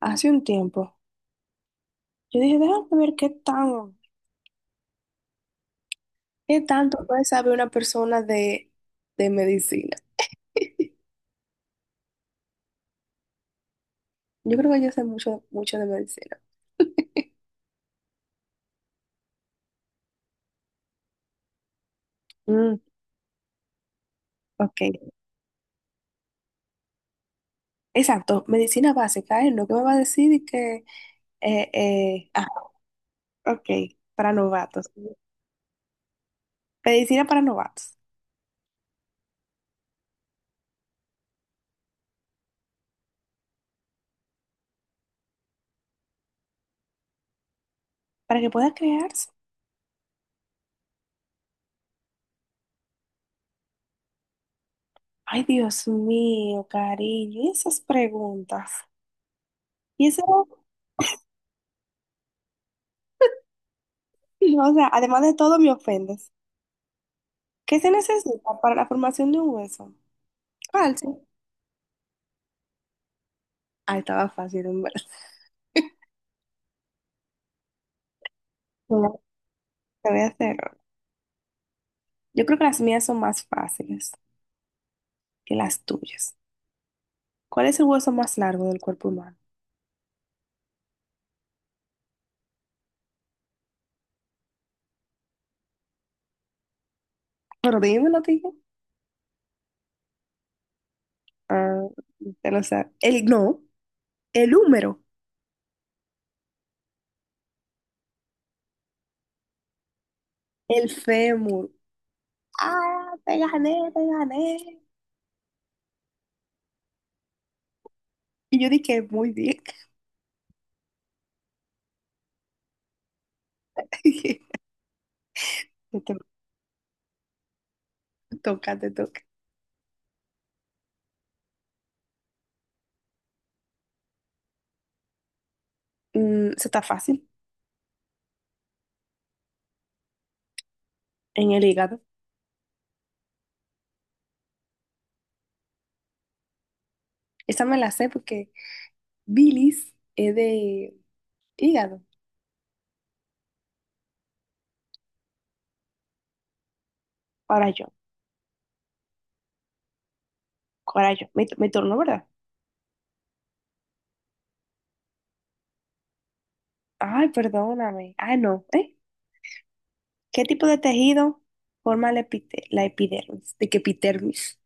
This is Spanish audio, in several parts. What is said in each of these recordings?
Hace un tiempo. Yo dije, déjame ver qué tan, qué tanto puede saber una persona de medicina. Yo creo que yo sé mucho, mucho de medicina. Mm, ok, exacto, medicina básica, ¿eh? Lo que me va a decir y que, eh, eh, ah, ok, para novatos. Medicina para novatos, para que pueda crearse. Ay, Dios mío, cariño, y esas preguntas. Y eso, o sea, además de todo, me ofendes. ¿Qué se necesita para la formación de un hueso? Falso. Ah, estaba fácil, en verdad. Bueno, te voy a hacer. Yo creo que las mías son más fáciles que las tuyas. ¿Cuál es el hueso más largo del cuerpo humano? Pero dímelo, tío. Ah, te lo sabes. El, no, el húmero. El fémur. Ah, te gané, te gané. Y yo dije, muy bien. Te toca, te toca. Eso está fácil. En el hígado. Esa me la sé porque bilis es de hígado. Ahora yo, ahora yo. Me turno, ¿verdad? Ay, perdóname. Ah, no. ¿Eh? ¿Qué tipo de tejido forma la, la epidermis? ¿De qué epidermis?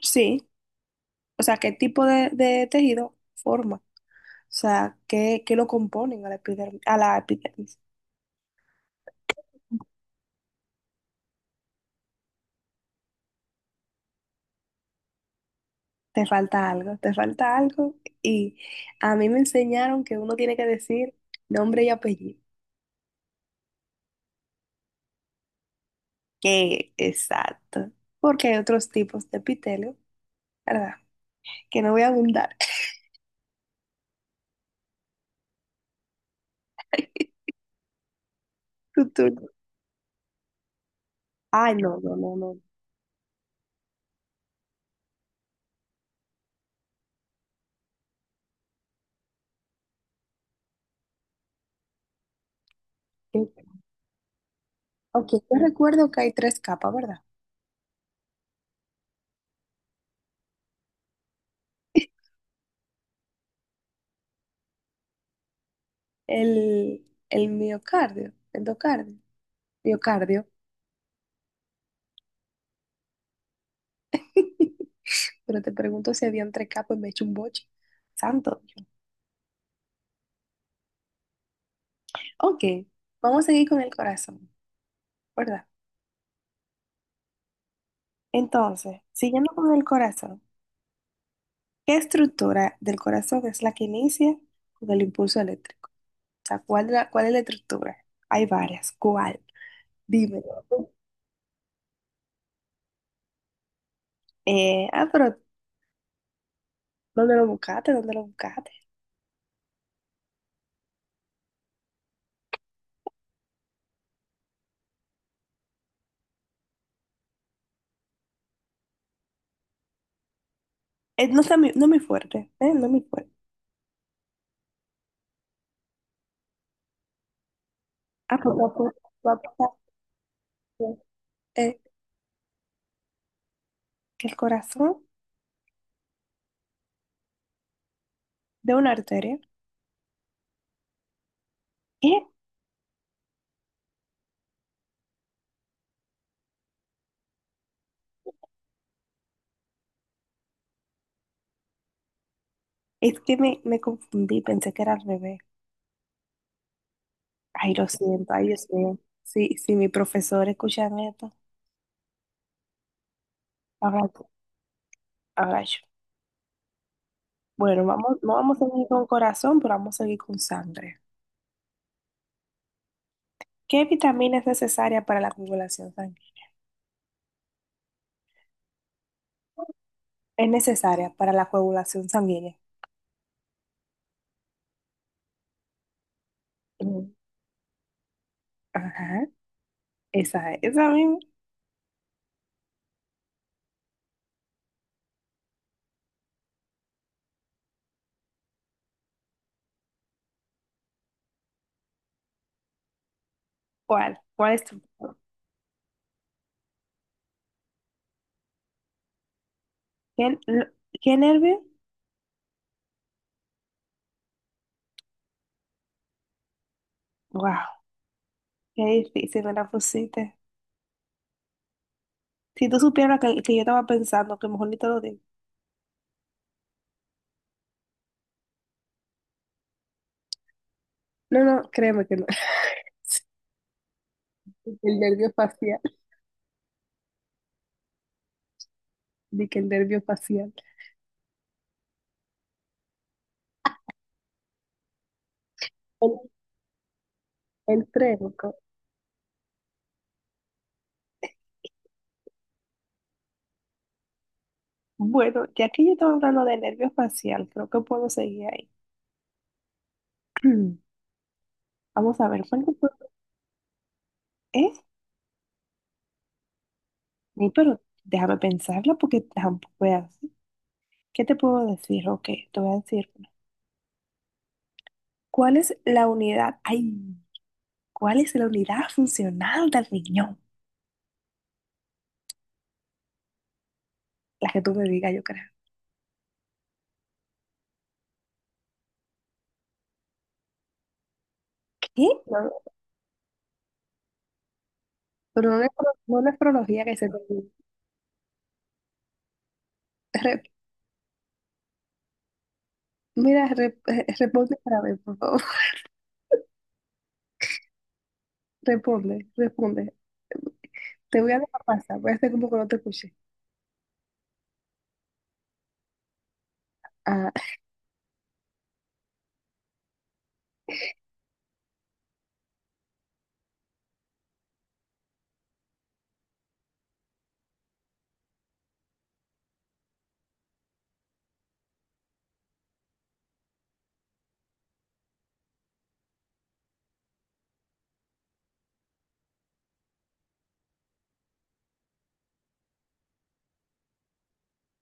Sí. O sea, ¿qué tipo de tejido forma? O sea, ¿qué, qué lo componen a la epidermis, a la epidermis? Te falta algo, te falta algo. Y a mí me enseñaron que uno tiene que decir nombre y apellido. Que exacto. Porque hay otros tipos de epitelio, ¿verdad? Que no voy a abundar. Tu turno. Ay, no, no, no, no. Ok, yo recuerdo que hay tres capas, ¿verdad? El miocardio, endocardio, miocardio. Pero te pregunto si habían tres capas y me echo un boche. Santo. Dios. Ok, vamos a seguir con el corazón, ¿verdad? Entonces, siguiendo con el corazón, ¿qué estructura del corazón es la que inicia con el impulso eléctrico? O sea, ¿ cuál es la estructura? Hay varias. ¿Cuál? Dímelo. Pero ¿dónde lo buscaste? ¿Dónde lo buscaste? No está mi, no muy fuerte, ¿eh? No muy fuerte. Ah, va a apuntar Eh, que el corazón de una arteria. ¿Qué? Es que me confundí, pensé que era al revés. Ay, lo siento, ay, Dios mío. Sí, sí, mi profesor escuchan esto. Ahora, ahora yo. Bueno, vamos, no vamos a seguir con corazón, pero vamos a seguir con sangre. ¿Qué vitamina es necesaria para la coagulación sanguínea? Es necesaria para la coagulación sanguínea. Mm. Ajá, esa, es, esa misma. ¿Cuál? ¿Cuál es tu? ¿Qué, qué nervio? Wow, qué difícil me la pusiste. Si tú supieras que yo estaba pensando, que mejor ni te lo digo. No, no, créeme que no. El nervio facial, di que el nervio facial. El, el trénico. Bueno, ya que yo estaba hablando de nervio facial, creo que puedo seguir ahí. Vamos a ver, ¿eh? Sí, pero déjame pensarlo porque tampoco es así. ¿Qué te puedo decir? Ok, te voy a decir. Una. ¿Cuál es la unidad? Ay, ¿cuál es la unidad funcional del riñón? La que tú me digas, yo creo. ¿Qué? No, pero no, no nefrología que se te olvide. Re- responde para ver, por favor. Responde, responde. Te voy a dejar pasar, voy a hacer como que no te escuché. Ah,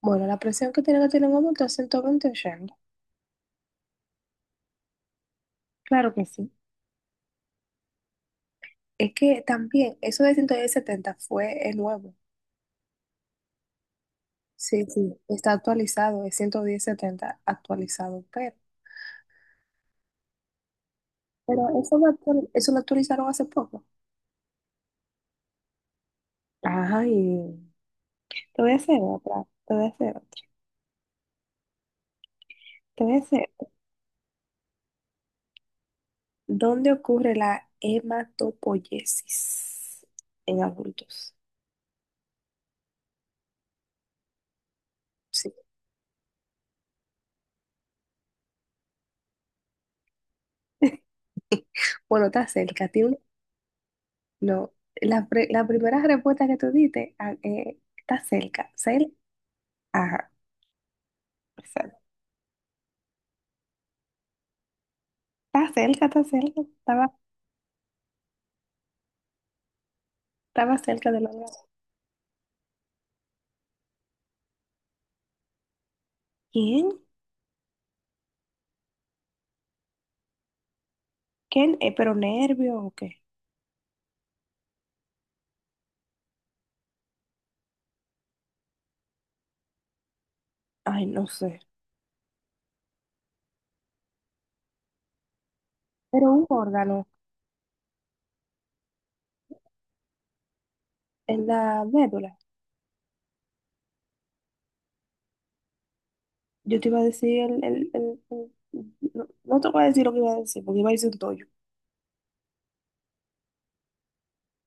bueno, la presión que tiene que tener un hombre está 120 80. Claro que sí. Es que también, eso de 110-70 fue nuevo. Sí, sí, está actualizado, es 110-70 actualizado, pero eso lo actualizaron hace poco. Ay, te voy a hacer otra, te voy a hacer otra, te voy a hacer ¿Dónde ocurre la hematopoiesis en adultos? Sí. Bueno, está cerca. Tiene un- No, la primera respuesta que tú diste está cerca. ¿Cel? Ajá. Exacto. Está cerca, está cerca. Estaba, estaba cerca del órgano. ¿Quién? ¿Quién? ¿Pero nervio o qué? Ay, no sé. Pero un órgano en la médula. Yo te iba a decir el... no, no te voy a decir lo que iba a decir, porque iba a decir un toyo.